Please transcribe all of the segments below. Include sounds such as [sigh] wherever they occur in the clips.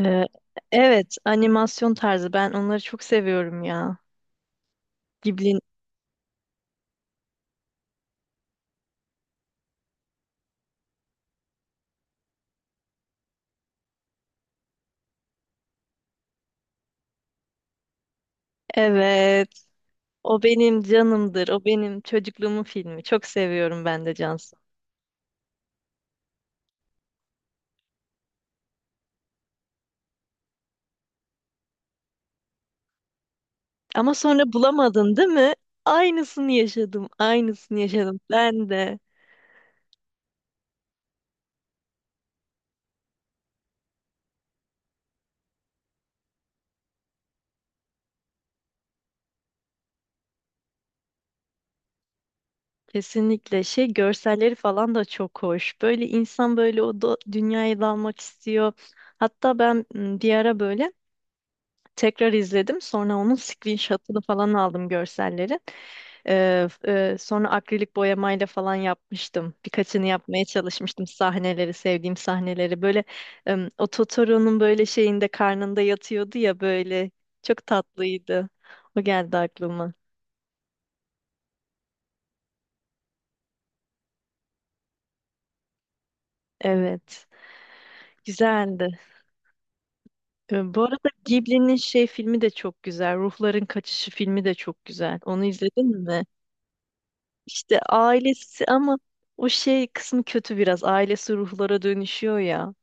Ee, evet, animasyon tarzı. Ben onları çok seviyorum ya. Ghibli'nin. Evet. O benim canımdır. O benim çocukluğumun filmi. Çok seviyorum ben de Cansu. Ama sonra bulamadın değil mi? Aynısını yaşadım. Aynısını yaşadım. Ben de. Kesinlikle şey görselleri falan da çok hoş. Böyle insan böyle o da, dünyaya dalmak istiyor. Hatta ben bir ara böyle tekrar izledim. Sonra onun screenshot'ını falan aldım görselleri. Ee, Sonra akrilik boyamayla falan yapmıştım. Birkaçını yapmaya çalışmıştım. Sahneleri, sevdiğim sahneleri. Böyle o Totoro'nun böyle şeyinde karnında yatıyordu ya böyle. Çok tatlıydı. O geldi aklıma. Evet. Güzeldi. Bu arada Ghibli'nin şey filmi de çok güzel. Ruhların Kaçışı filmi de çok güzel. Onu izledin mi? İşte ailesi ama o şey kısmı kötü biraz. Ailesi ruhlara dönüşüyor ya.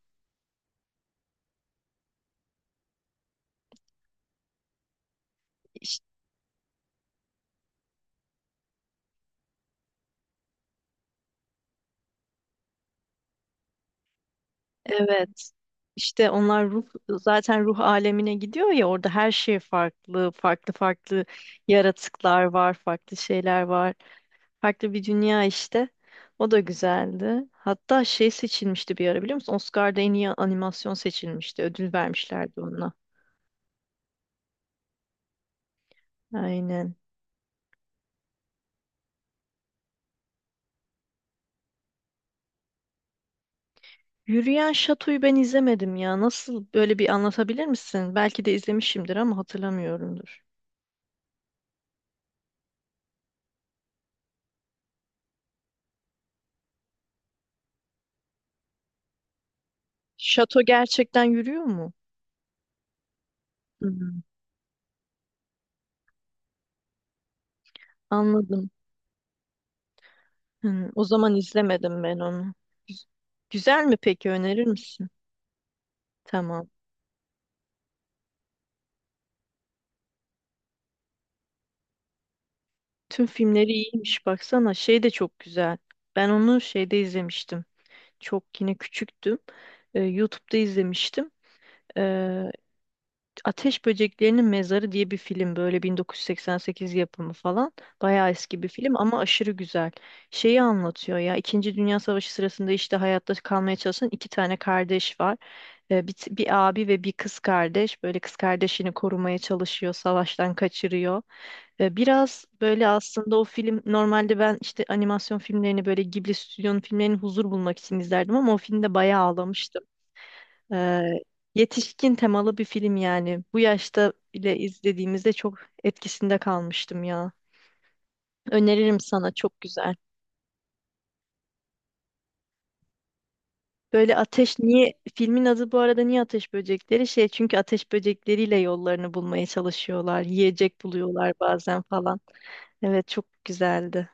Evet. İşte onlar ruh zaten ruh alemine gidiyor ya, orada her şey farklı, farklı farklı yaratıklar var, farklı şeyler var. Farklı bir dünya işte. O da güzeldi. Hatta şey seçilmişti bir ara, biliyor musun? Oscar'da en iyi animasyon seçilmişti. Ödül vermişlerdi ona. Aynen. Yürüyen Şato'yu ben izlemedim ya. Nasıl, böyle bir anlatabilir misin? Belki de izlemişimdir ama hatırlamıyorumdur. Şato gerçekten yürüyor mu? Hmm, anladım. Hmm, o zaman izlemedim ben onu. Güz- Güzel mi peki, önerir misin? Tamam. Tüm filmleri iyiymiş baksana. Şey de çok güzel. Ben onu şeyde izlemiştim. Çok yine küçüktüm. YouTube'da izlemiştim. Ee, Ateş Böceklerinin Mezarı diye bir film, böyle 1988 yapımı falan. Bayağı eski bir film ama aşırı güzel. Şeyi anlatıyor ya, İkinci Dünya Savaşı sırasında işte hayatta kalmaya çalışan iki tane kardeş var. Bir abi ve bir kız kardeş, böyle kız kardeşini korumaya çalışıyor, savaştan kaçırıyor. Biraz böyle, aslında o film, normalde ben işte animasyon filmlerini, böyle Ghibli stüdyonun filmlerini huzur bulmak için izlerdim ama o filmde bayağı ağlamıştım. Ee, Yetişkin temalı bir film yani. Bu yaşta bile izlediğimizde çok etkisinde kalmıştım ya. Öneririm sana, çok güzel. Böyle ateş niye filmin adı bu arada, niye ateş böcekleri şey, çünkü ateş böcekleriyle yollarını bulmaya çalışıyorlar. Yiyecek buluyorlar bazen falan. Evet, çok güzeldi.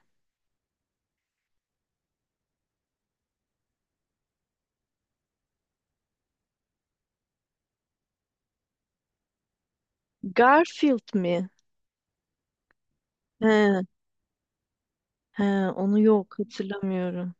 Garfield mi? He, he, onu yok hatırlamıyorum.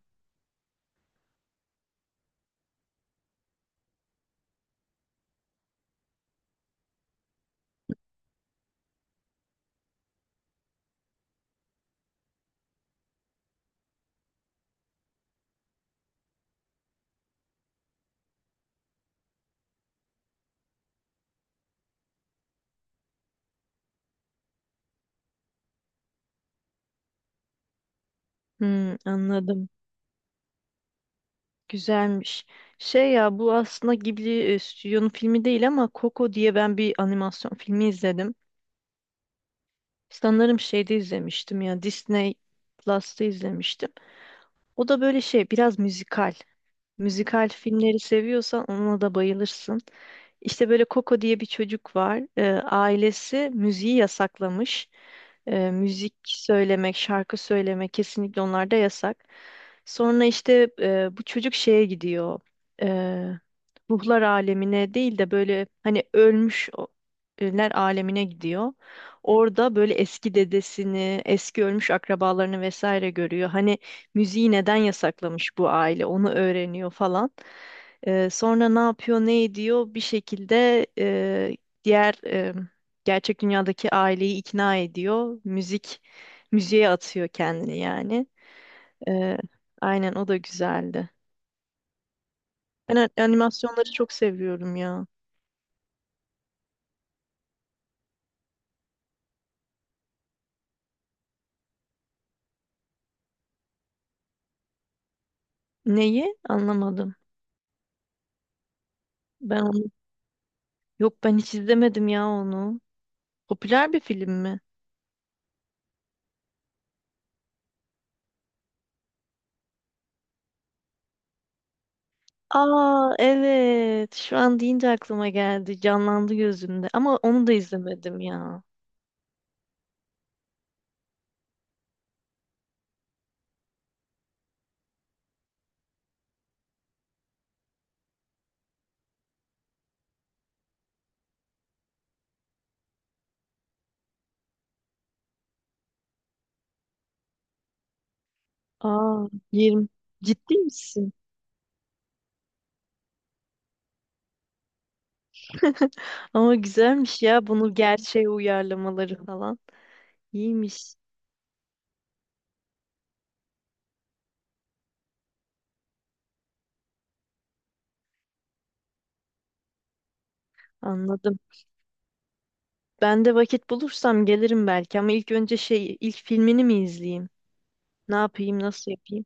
Hmm, anladım. Güzelmiş. Şey ya, bu aslında Ghibli stüdyonun filmi değil ama Coco diye ben bir animasyon filmi izledim. Sanırım şeyde izlemiştim ya, Disney Plus'ta izlemiştim. O da böyle şey, biraz müzikal. Müzikal filmleri seviyorsan ona da bayılırsın. İşte böyle Coco diye bir çocuk var. Ailesi müziği yasaklamış. Müzik söylemek, şarkı söylemek kesinlikle onlarda yasak. Sonra işte bu çocuk şeye gidiyor. Ee, Ruhlar alemine değil de, böyle hani ölmüş ölüler alemine gidiyor. Orada böyle eski dedesini, eski ölmüş akrabalarını vesaire görüyor. Hani müziği neden yasaklamış bu aile, onu öğreniyor falan. Sonra ne yapıyor, ne ediyor, bir şekilde diğer, gerçek dünyadaki aileyi ikna ediyor. Müzik, müziğe atıyor kendini yani. Ee, aynen, o da güzeldi. Ben animasyonları çok seviyorum ya. Neyi? Anlamadım. Ben onu Yok, ben hiç izlemedim ya onu. Popüler bir film mi? Aa evet. Şu an deyince aklıma geldi. Canlandı gözümde. Ama onu da izlemedim ya. Aa, 20. Ciddi misin? [laughs] Ama güzelmiş ya, bunu gerçeğe uyarlamaları falan. İyiymiş. Anladım. Ben de vakit bulursam gelirim belki ama ilk önce şey, ilk filmini mi izleyeyim? Ne yapayım, nasıl yapayım?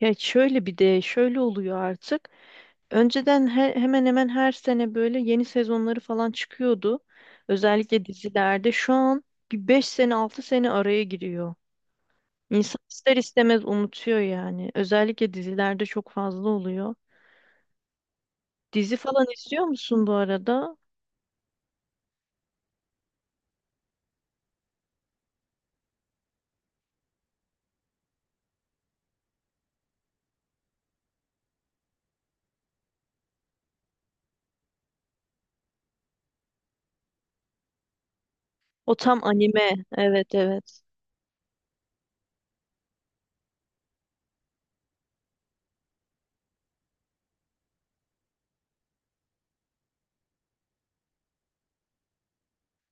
Ya şöyle, bir de şöyle oluyor artık. Önceden hemen hemen her sene böyle yeni sezonları falan çıkıyordu. Özellikle dizilerde. Şu an bir 5 sene, 6 sene araya giriyor. İnsan ister istemez unutuyor yani. Özellikle dizilerde çok fazla oluyor. Dizi falan izliyor musun bu arada? O tam anime. Evet, evet.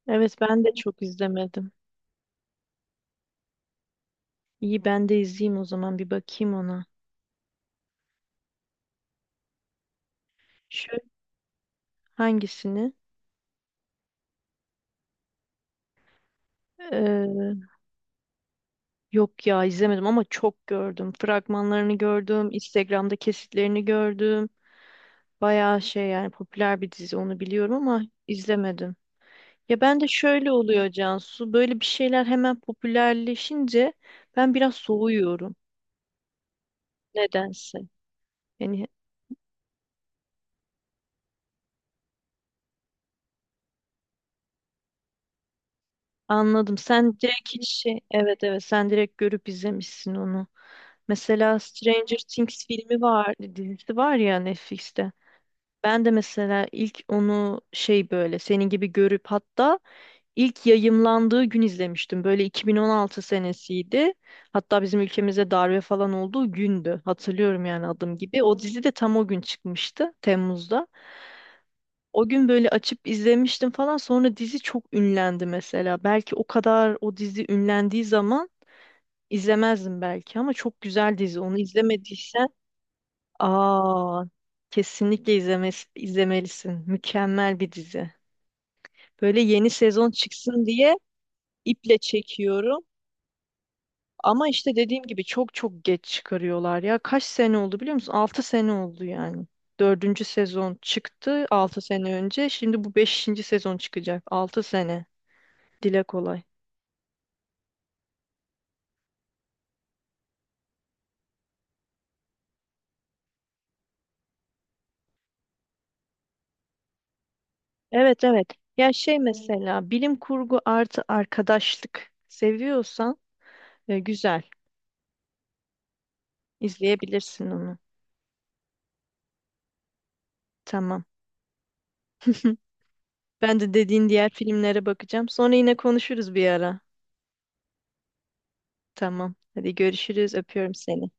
Evet, ben de çok izlemedim. İyi, ben de izleyeyim o zaman, bir bakayım ona. Şu, hangisini? Ee, Yok ya, izlemedim ama çok gördüm. Fragmanlarını gördüm. Instagram'da kesitlerini gördüm. Bayağı şey yani, popüler bir dizi onu biliyorum ama izlemedim. Ya ben de şöyle oluyor Cansu. Böyle bir şeyler hemen popülerleşince ben biraz soğuyorum. Nedense. Yani. Anladım. Sen direkt, hiç şey, evet evet, sen direkt görüp izlemişsin onu. Mesela Stranger Things filmi var, dizisi var ya, Netflix'te. Ben de mesela ilk onu şey, böyle senin gibi görüp, hatta ilk yayımlandığı gün izlemiştim. Böyle 2016 senesiydi. Hatta bizim ülkemizde darbe falan olduğu gündü. Hatırlıyorum yani adım gibi. O dizi de tam o gün çıkmıştı, Temmuz'da. O gün böyle açıp izlemiştim falan. Sonra dizi çok ünlendi mesela. Belki o kadar, o dizi ünlendiği zaman izlemezdim belki ama çok güzel dizi. Onu izlemediysen, aa, kesinlikle izlemelisin. Mükemmel bir dizi. Böyle yeni sezon çıksın diye iple çekiyorum. Ama işte dediğim gibi çok çok geç çıkarıyorlar ya. Kaç sene oldu biliyor musun? 6 sene oldu yani. Dördüncü sezon çıktı 6 sene önce. Şimdi bu beşinci sezon çıkacak. 6 sene. Dile kolay. Evet, evet. Ya şey. Evet. Mesela bilim kurgu artı arkadaşlık seviyorsan, güzel. İzleyebilirsin onu. Tamam. [laughs] Ben de dediğin diğer filmlere bakacağım. Sonra yine konuşuruz bir ara. Tamam. Hadi görüşürüz. Öpüyorum seni.